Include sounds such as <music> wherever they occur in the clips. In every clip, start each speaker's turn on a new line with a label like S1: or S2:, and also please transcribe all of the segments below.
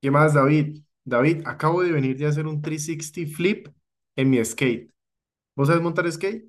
S1: ¿Qué más, David? David, acabo de venir de hacer un 360 flip en mi skate. ¿Vos sabés montar skate?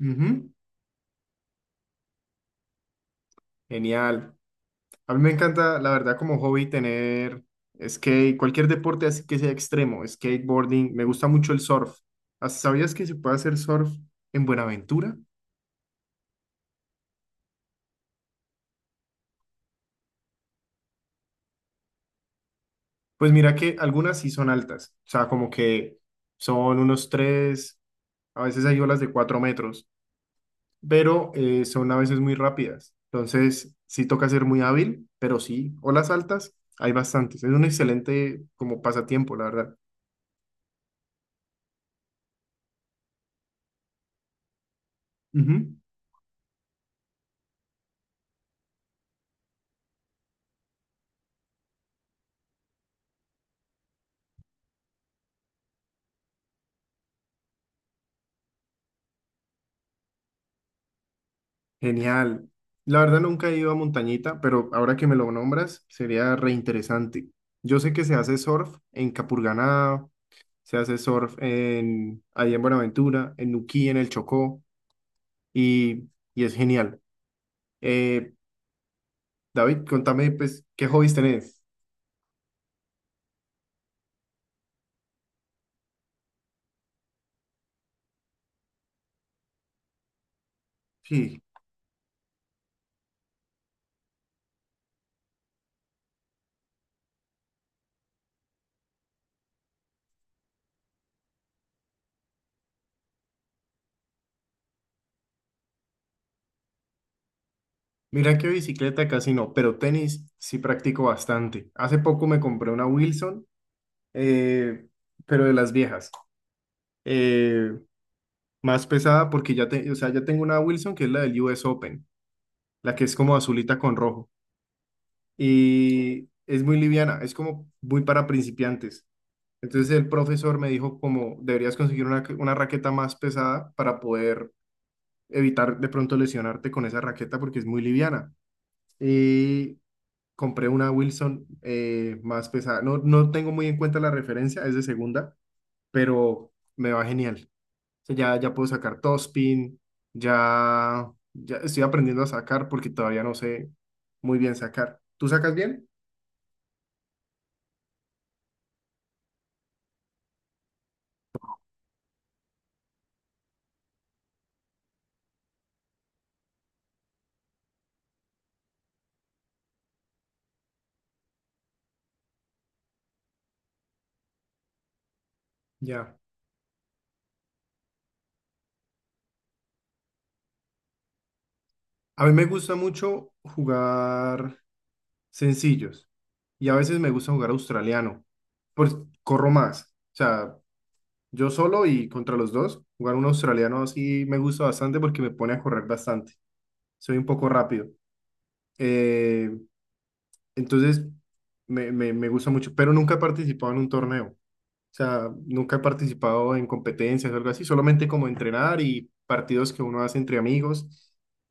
S1: Ujú. Genial. A mí me encanta, la verdad, como hobby tener skate, cualquier deporte así que sea extremo, skateboarding. Me gusta mucho el surf. ¿Sabías que se puede hacer surf en Buenaventura? Pues mira que algunas sí son altas, o sea, como que son unos tres, a veces hay olas de cuatro metros, pero son a veces muy rápidas. Entonces, sí toca ser muy hábil, pero sí, olas altas, hay bastantes. Es un excelente como pasatiempo, la verdad. Ujú. Genial. La verdad nunca he ido a montañita, pero ahora que me lo nombras, sería reinteresante. Yo sé que se hace surf en Capurganá, se hace surf en, allá en Buenaventura, en Nuquí, en el Chocó, y, y es genial. Eh, David, contame, pues, ¿qué hobbies tenés? Sí. Mira que bicicleta casi no, pero tenis sí practico bastante. Hace poco me compré una Wilson, eh, pero de las viejas. eh, más pesada porque o sea, ya tengo una Wilson que es la del US Open, la que es como azulita con rojo. Y es muy liviana, es como muy para principiantes. Entonces el profesor me dijo como deberías conseguir una raqueta más pesada para poder evitar de pronto lesionarte con esa raqueta porque es muy liviana. Y compré una Wilson más pesada. No, no tengo muy en cuenta la referencia, es de segunda, pero me va genial. O sea, ya puedo sacar topspin, ya estoy aprendiendo a sacar porque todavía no sé muy bien sacar. ¿Tú sacas bien? Ya. A mí me gusta mucho jugar sencillos y a veces me gusta jugar australiano, pues corro más. O sea, yo solo y contra los dos, jugar un australiano así me gusta bastante porque me pone a correr bastante. Soy un poco rápido. Eh, entonces, me gusta mucho, pero nunca he participado en un torneo. O sea, nunca he participado en competencias o algo así, solamente como entrenar y partidos que uno hace entre amigos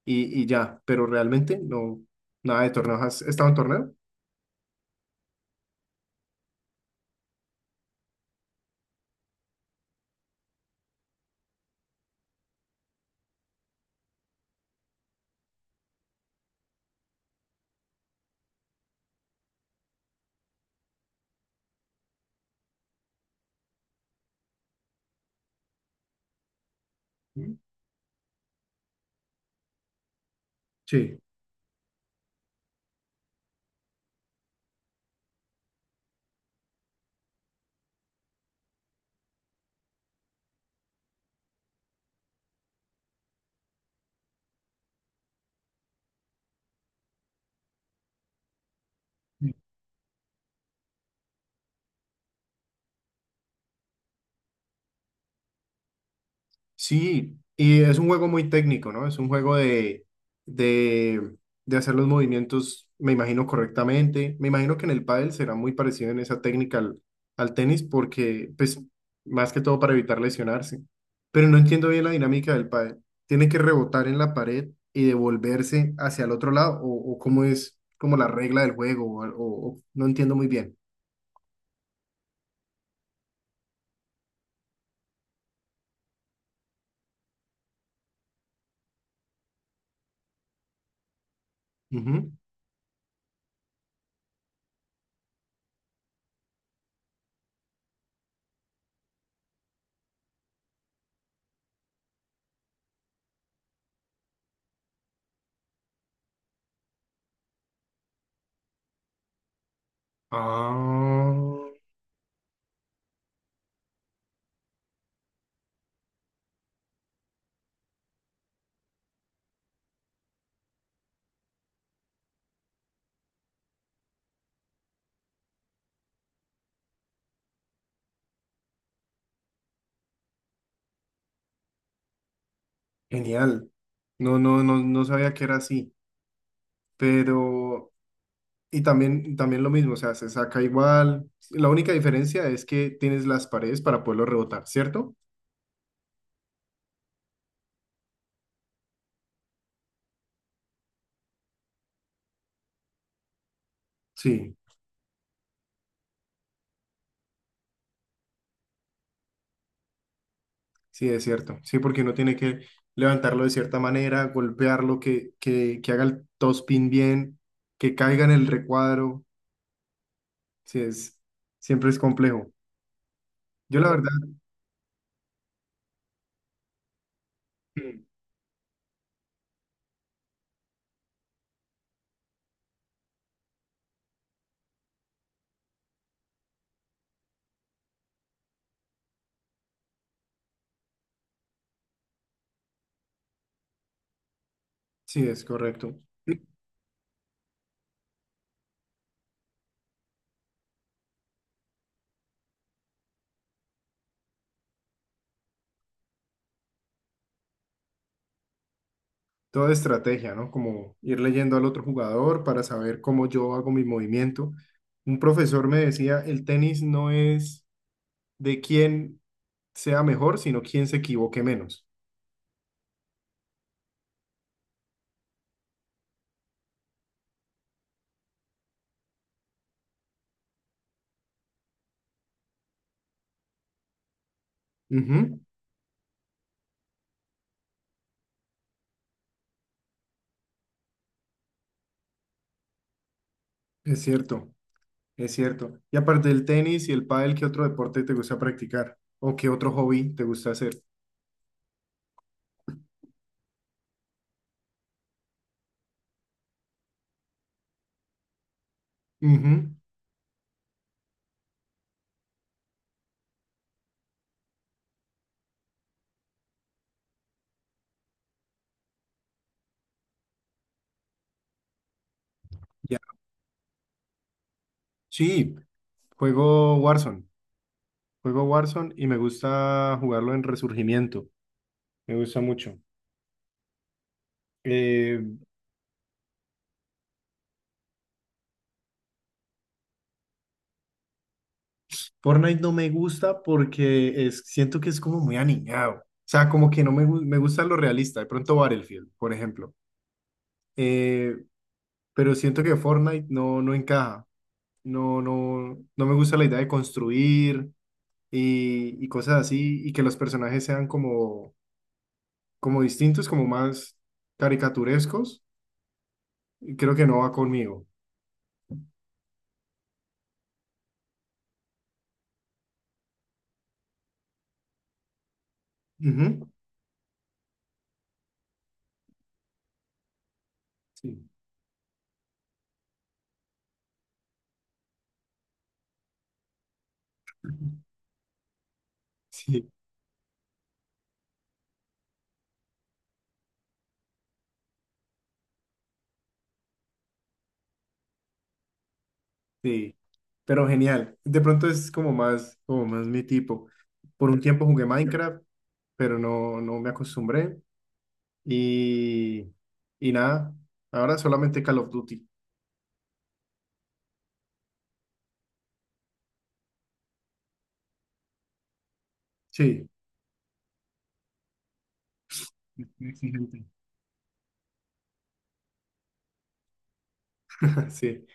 S1: y ya, pero realmente no, nada de torneos. ¿Has estado en torneo? Sí. Sí, y es un juego muy técnico, ¿no? Es un juego de, de hacer los movimientos, me imagino, correctamente. Me imagino que en el pádel será muy parecido en esa técnica al, al tenis, porque, pues, más que todo para evitar lesionarse. Pero no entiendo bien la dinámica del pádel. ¿Tiene que rebotar en la pared y devolverse hacia el otro lado? O cómo es como la regla del juego? No entiendo muy bien. Ujú. Ah, genial. No sabía que era así. Pero, y también, también lo mismo, o sea, se saca igual. La única diferencia es que tienes las paredes para poderlo rebotar, ¿cierto? Sí, sí, es cierto. Sí, porque uno tiene que levantarlo de cierta manera, golpearlo, que haga el topspin bien, que caiga en el recuadro. Sí, es, siempre es complejo. Yo la verdad, sí, es correcto. Toda estrategia, ¿no? Como ir leyendo al otro jugador para saber cómo yo hago mi movimiento. Un profesor me decía, el tenis no es de quién sea mejor, sino quién se equivoque menos. Ujú. Es cierto, es cierto. Y aparte del tenis y el pádel, ¿qué otro deporte te gusta practicar? ¿O qué otro hobby te gusta hacer? Ujú. Ya. Sí, juego Warzone. Juego Warzone y me gusta jugarlo en Resurgimiento. Me gusta mucho. Eh, Fortnite no me gusta porque es, siento que es como muy aniñado. O sea, como que no me, me gusta lo realista. De pronto Battlefield, por ejemplo. Eh, pero siento que Fortnite no, no encaja. No me gusta la idea de construir y cosas así. Y que los personajes sean como, como distintos, como más caricaturescos. Y creo que no va conmigo. Ujú. Sí. Sí. Sí, pero genial. De pronto es como más mi tipo. Por un tiempo jugué Minecraft, pero no, no me acostumbré. Y, y nada, ahora solamente Call of Duty. Sí, muy exigente. <laughs> Sí,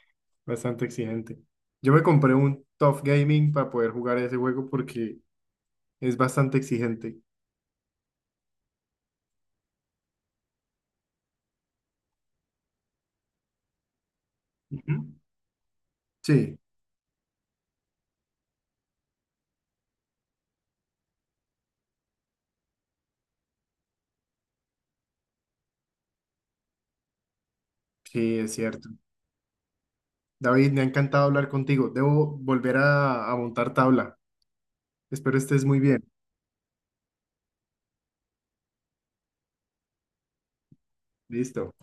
S1: bastante exigente. Yo me compré un Tough Gaming para poder jugar ese juego porque es bastante exigente. Ujú. Sí, sí, es cierto. David, me ha encantado hablar contigo. Debo volver a montar tabla. Espero estés muy bien. Listo.